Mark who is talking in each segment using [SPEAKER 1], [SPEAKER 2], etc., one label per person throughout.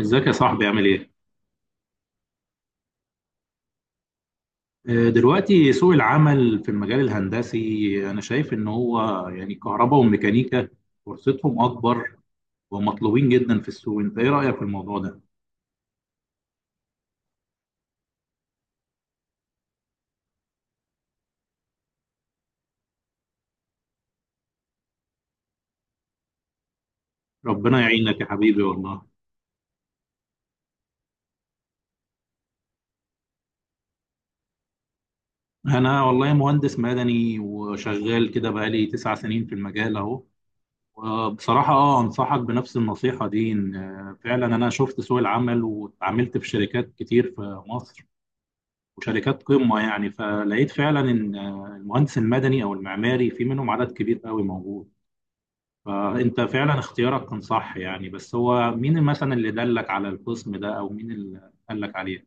[SPEAKER 1] ازيك يا صاحبي عامل ايه؟ دلوقتي سوق العمل في المجال الهندسي انا شايف ان هو يعني كهرباء وميكانيكا فرصتهم اكبر ومطلوبين جدا في السوق. انت ايه رأيك في الموضوع ده؟ ربنا يعينك يا حبيبي والله. انا والله مهندس مدني وشغال كده بقالي 9 سنين في المجال اهو. وبصراحة انصحك بنفس النصيحة دي ان فعلا انا شفت سوق العمل واتعاملت في شركات كتير في مصر وشركات قمة، يعني فلقيت فعلا إن المهندس المدني أو المعماري في منهم عدد كبير قوي موجود. فأنت فعلا اختيارك كان صح، يعني بس هو مين مثلا اللي دلك على القسم ده أو مين اللي قالك عليه؟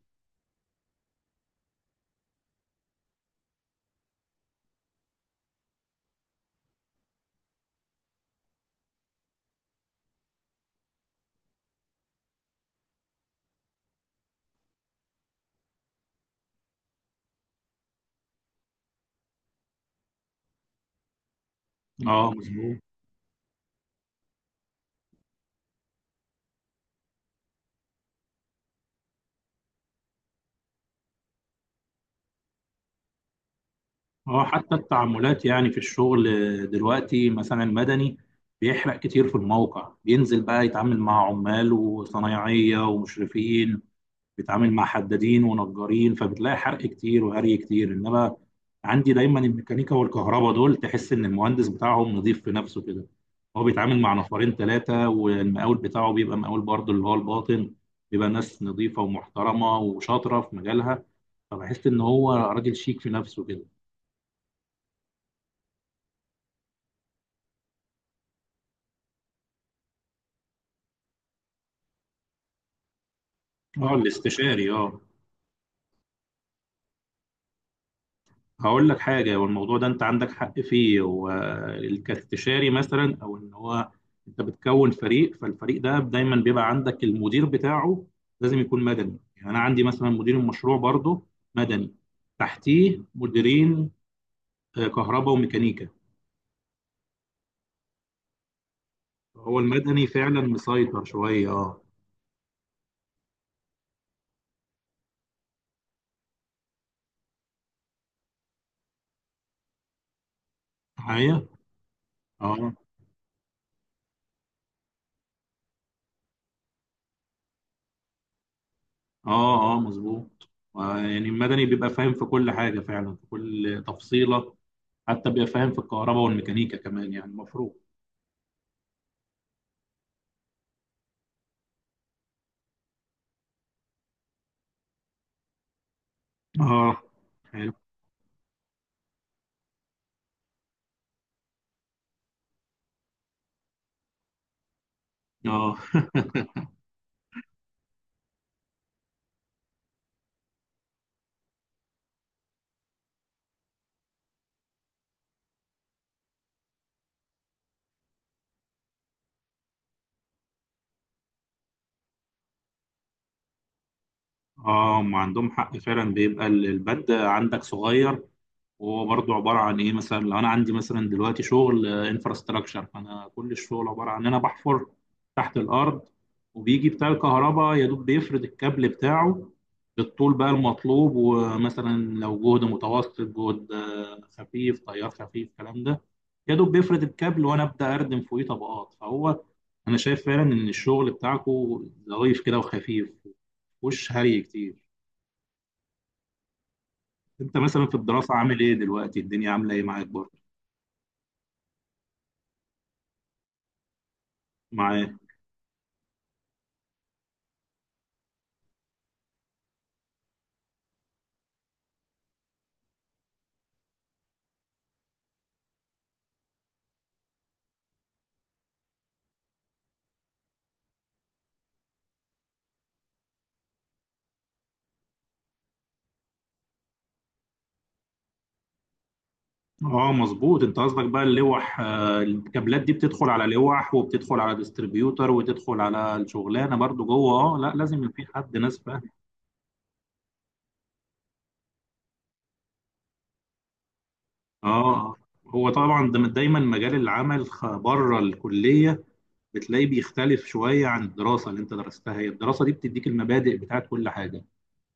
[SPEAKER 1] اه، مظبوط. اه، حتى التعاملات يعني في الشغل دلوقتي مثلا المدني بيحرق كتير في الموقع، بينزل بقى يتعامل مع عمال وصنايعية ومشرفين، بيتعامل مع حدادين ونجارين، فبتلاقي حرق كتير وهري كتير. انما عندي دايما الميكانيكا والكهرباء دول تحس ان المهندس بتاعهم نظيف في نفسه كده، هو بيتعامل مع نفرين ثلاثة والمقاول بتاعه بيبقى مقاول برضه اللي هو الباطن، بيبقى ناس نظيفة ومحترمة وشاطرة في مجالها، فبحس ان هو راجل شيك في نفسه كده. اه، الاستشاري، اه. هقول لك حاجة، والموضوع ده أنت عندك حق فيه. والاستشاري مثلا أو إن هو أنت بتكون فريق، فالفريق ده دايما بيبقى عندك المدير بتاعه، لازم يكون مدني. يعني أنا عندي مثلا مدير المشروع برضه مدني، تحتيه مديرين كهرباء وميكانيكا. هو المدني فعلا مسيطر شوية أه. معايا. أه، أه، أه، مظبوط. يعني المدني بيبقى فاهم في كل حاجة فعلا في كل تفصيلة، حتى بيبقى فاهم في الكهرباء والميكانيكا كمان يعني المفروض. اه، حلو. اه، اه، ما عندهم حق فعلا. بيبقى البند عندك صغير، وهو برضه عباره عن ايه. مثلا لو انا عندي مثلا دلوقتي شغل انفراستراكشر، فانا كل الشغل عباره عن ان انا بحفر تحت الارض، وبيجي بتاع الكهرباء يا دوب بيفرد الكابل بتاعه بالطول بقى المطلوب. ومثلا لو جهد متوسط جهد خفيف، تيار خفيف، الكلام ده يا دوب بيفرد الكابل وانا ابدا اردم فوقيه طبقات. فهو انا شايف فعلا ان الشغل بتاعكو ظريف كده وخفيف ومفهوش هري كتير. انت مثلا في الدراسه عامل ايه دلوقتي، الدنيا عامله ايه معاك برضه؟ مع اه، مظبوط. انت قصدك بقى اللوح. الكابلات دي بتدخل على لوح وبتدخل على ديستريبيوتر وتدخل على الشغلانه برضو جوه. اه، لا، لازم يبقى في حد، ناس فاهم. اه، هو طبعا ده دايما مجال العمل بره الكليه بتلاقيه بيختلف شويه عن الدراسه اللي انت درستها. هي الدراسه دي بتديك المبادئ بتاعت كل حاجه،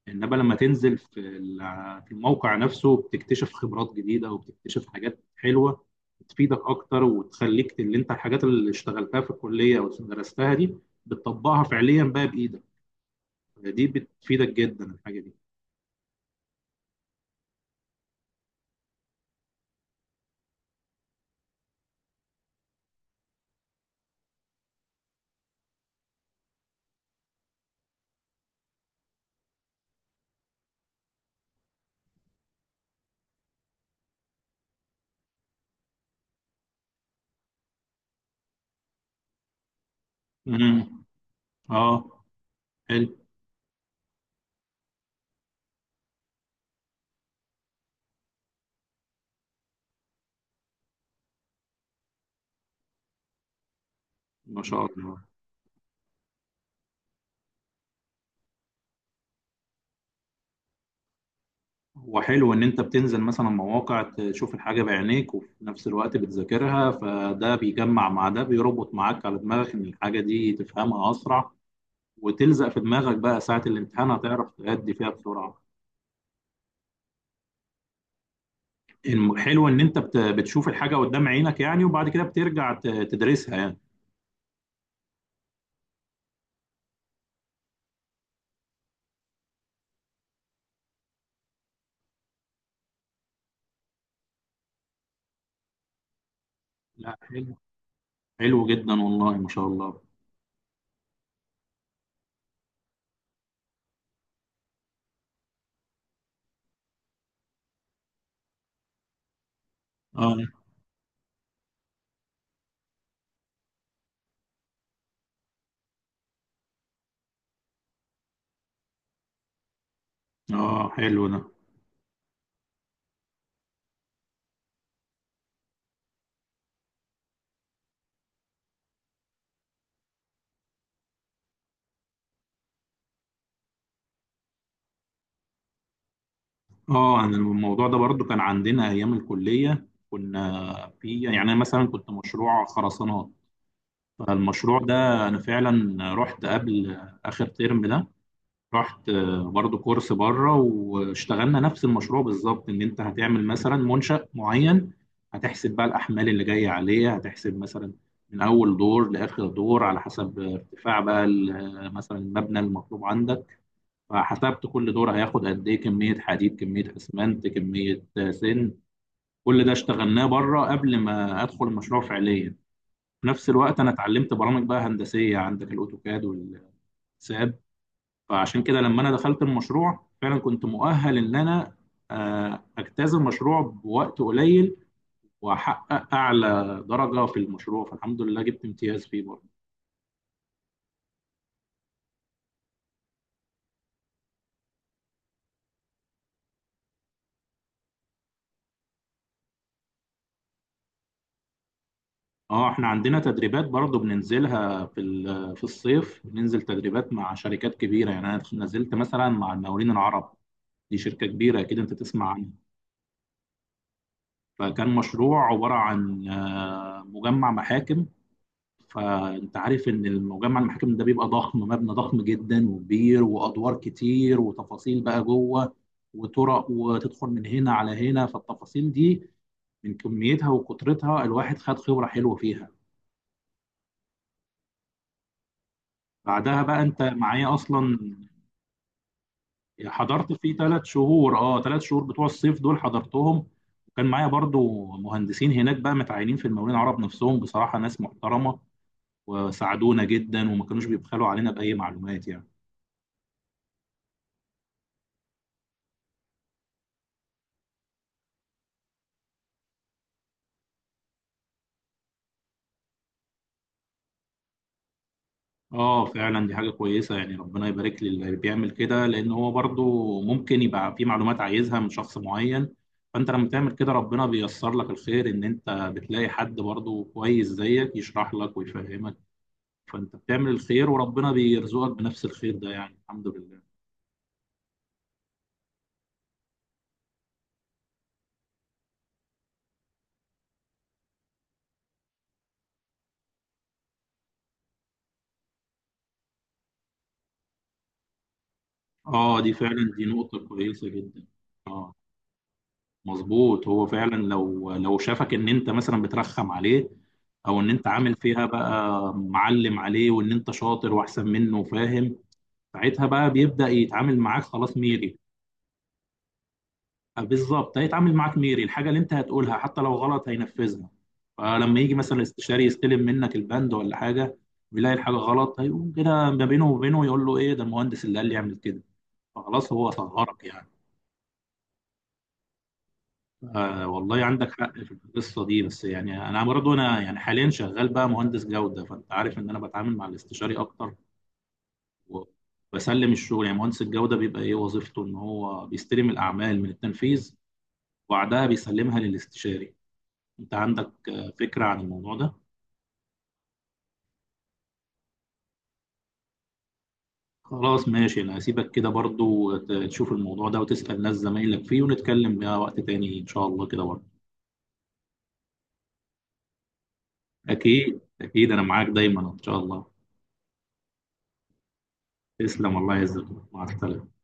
[SPEAKER 1] انما لما تنزل في في الموقع نفسه بتكتشف خبرات جديده وبتكتشف حاجات حلوه بتفيدك اكتر وتخليك اللي انت الحاجات اللي اشتغلتها في الكليه او درستها دي بتطبقها فعليا بقى بايدك. دي بتفيدك جدا الحاجه دي. امم اه، حلو، ما شاء الله. وحلو ان انت بتنزل مثلا مواقع تشوف الحاجه بعينيك وفي نفس الوقت بتذاكرها، فده بيجمع مع ده، بيربط معاك على دماغك ان الحاجه دي تفهمها اسرع وتلزق في دماغك، بقى ساعة الامتحان هتعرف تأدي فيها بسرعة. حلو ان انت بتشوف الحاجة قدام عينك يعني، وبعد كده بترجع تدرسها يعني. لا، حلو، حلو جدا والله ما شاء الله. اه، اه، حلو ده. اه، انا الموضوع ده برضو كان عندنا ايام الكلية. كنا في، يعني انا مثلا كنت مشروع خرسانات. فالمشروع ده انا فعلا رحت قبل اخر ترم ده، رحت برضو كورس بره واشتغلنا نفس المشروع بالظبط. ان انت هتعمل مثلا منشأ معين، هتحسب بقى الاحمال اللي جايه عليه، هتحسب مثلا من اول دور لاخر دور على حسب ارتفاع بقى مثلا المبنى المطلوب عندك. فحسبت كل دور هياخد قد ايه كميه حديد، كميه اسمنت، كميه سن. كل ده اشتغلناه بره قبل ما ادخل المشروع فعليا. في نفس الوقت انا اتعلمت برامج بقى هندسيه، عندك الاوتوكاد والساب. فعشان كده لما انا دخلت المشروع فعلا كنت مؤهل ان انا اجتاز المشروع بوقت قليل واحقق اعلى درجه في المشروع، فالحمد لله جبت امتياز فيه برضه. اه، احنا عندنا تدريبات برضه بننزلها في في الصيف، بننزل تدريبات مع شركات كبيره. يعني انا نزلت مثلا مع المقاولين العرب، دي شركه كبيره اكيد انت تسمع عنها. فكان مشروع عباره عن مجمع محاكم. فانت عارف ان المجمع المحاكم ده بيبقى ضخم، مبنى ضخم جدا وكبير وادوار كتير وتفاصيل بقى جوه وطرق وتدخل من هنا على هنا. فالتفاصيل دي من كميتها وكترتها الواحد خد خبرة حلوة فيها. بعدها بقى انت معايا اصلا. حضرت فيه 3 شهور. اه، 3 شهور بتوع الصيف دول حضرتهم. وكان معايا برضو مهندسين هناك بقى متعينين في المقاولين العرب نفسهم، بصراحة ناس محترمة وساعدونا جدا وما كانوش بيبخلوا علينا بأي معلومات يعني. اه، فعلا دي حاجة كويسة، يعني ربنا يبارك للي بيعمل كده، لأن هو برضو ممكن يبقى في معلومات عايزها من شخص معين. فأنت لما تعمل كده ربنا بيسر لك الخير، إن أنت بتلاقي حد برضو كويس زيك يشرح لك ويفهمك. فأنت بتعمل الخير وربنا بيرزقك بنفس الخير ده، يعني الحمد لله. اه، دي فعلا دي نقطة كويسة جدا. اه، مظبوط، هو فعلا لو شافك ان انت مثلا بترخم عليه، او ان انت عامل فيها بقى معلم عليه وان انت شاطر واحسن منه وفاهم، ساعتها بقى بيبدأ يتعامل معاك خلاص ميري. أه، بالظبط، هيتعامل معاك ميري. الحاجة اللي انت هتقولها حتى لو غلط هينفذها. فلما يجي مثلا الاستشاري يستلم منك البند ولا حاجة ويلاقي الحاجة غلط، هيقوم كده ما بينه وبينه يقول له ايه ده المهندس اللي قال لي اعمل كده، فخلاص هو صغرك يعني. آه، والله عندك حق في القصه دي. بس يعني انا برضو انا يعني حاليا شغال بقى مهندس جوده، فانت عارف ان انا بتعامل مع الاستشاري اكتر وبسلم الشغل. يعني مهندس الجوده بيبقى ايه وظيفته؟ ان هو بيستلم الاعمال من التنفيذ، وبعدها بيسلمها للاستشاري. انت عندك فكره عن الموضوع ده؟ خلاص ماشي، انا هسيبك كده برضو تشوف الموضوع ده وتسال ناس زمايلك فيه، ونتكلم بقى وقت تاني ان شاء الله كده برضو. اكيد، اكيد، انا معاك دايما ان شاء الله. تسلم، الله يعزك. مع السلامه.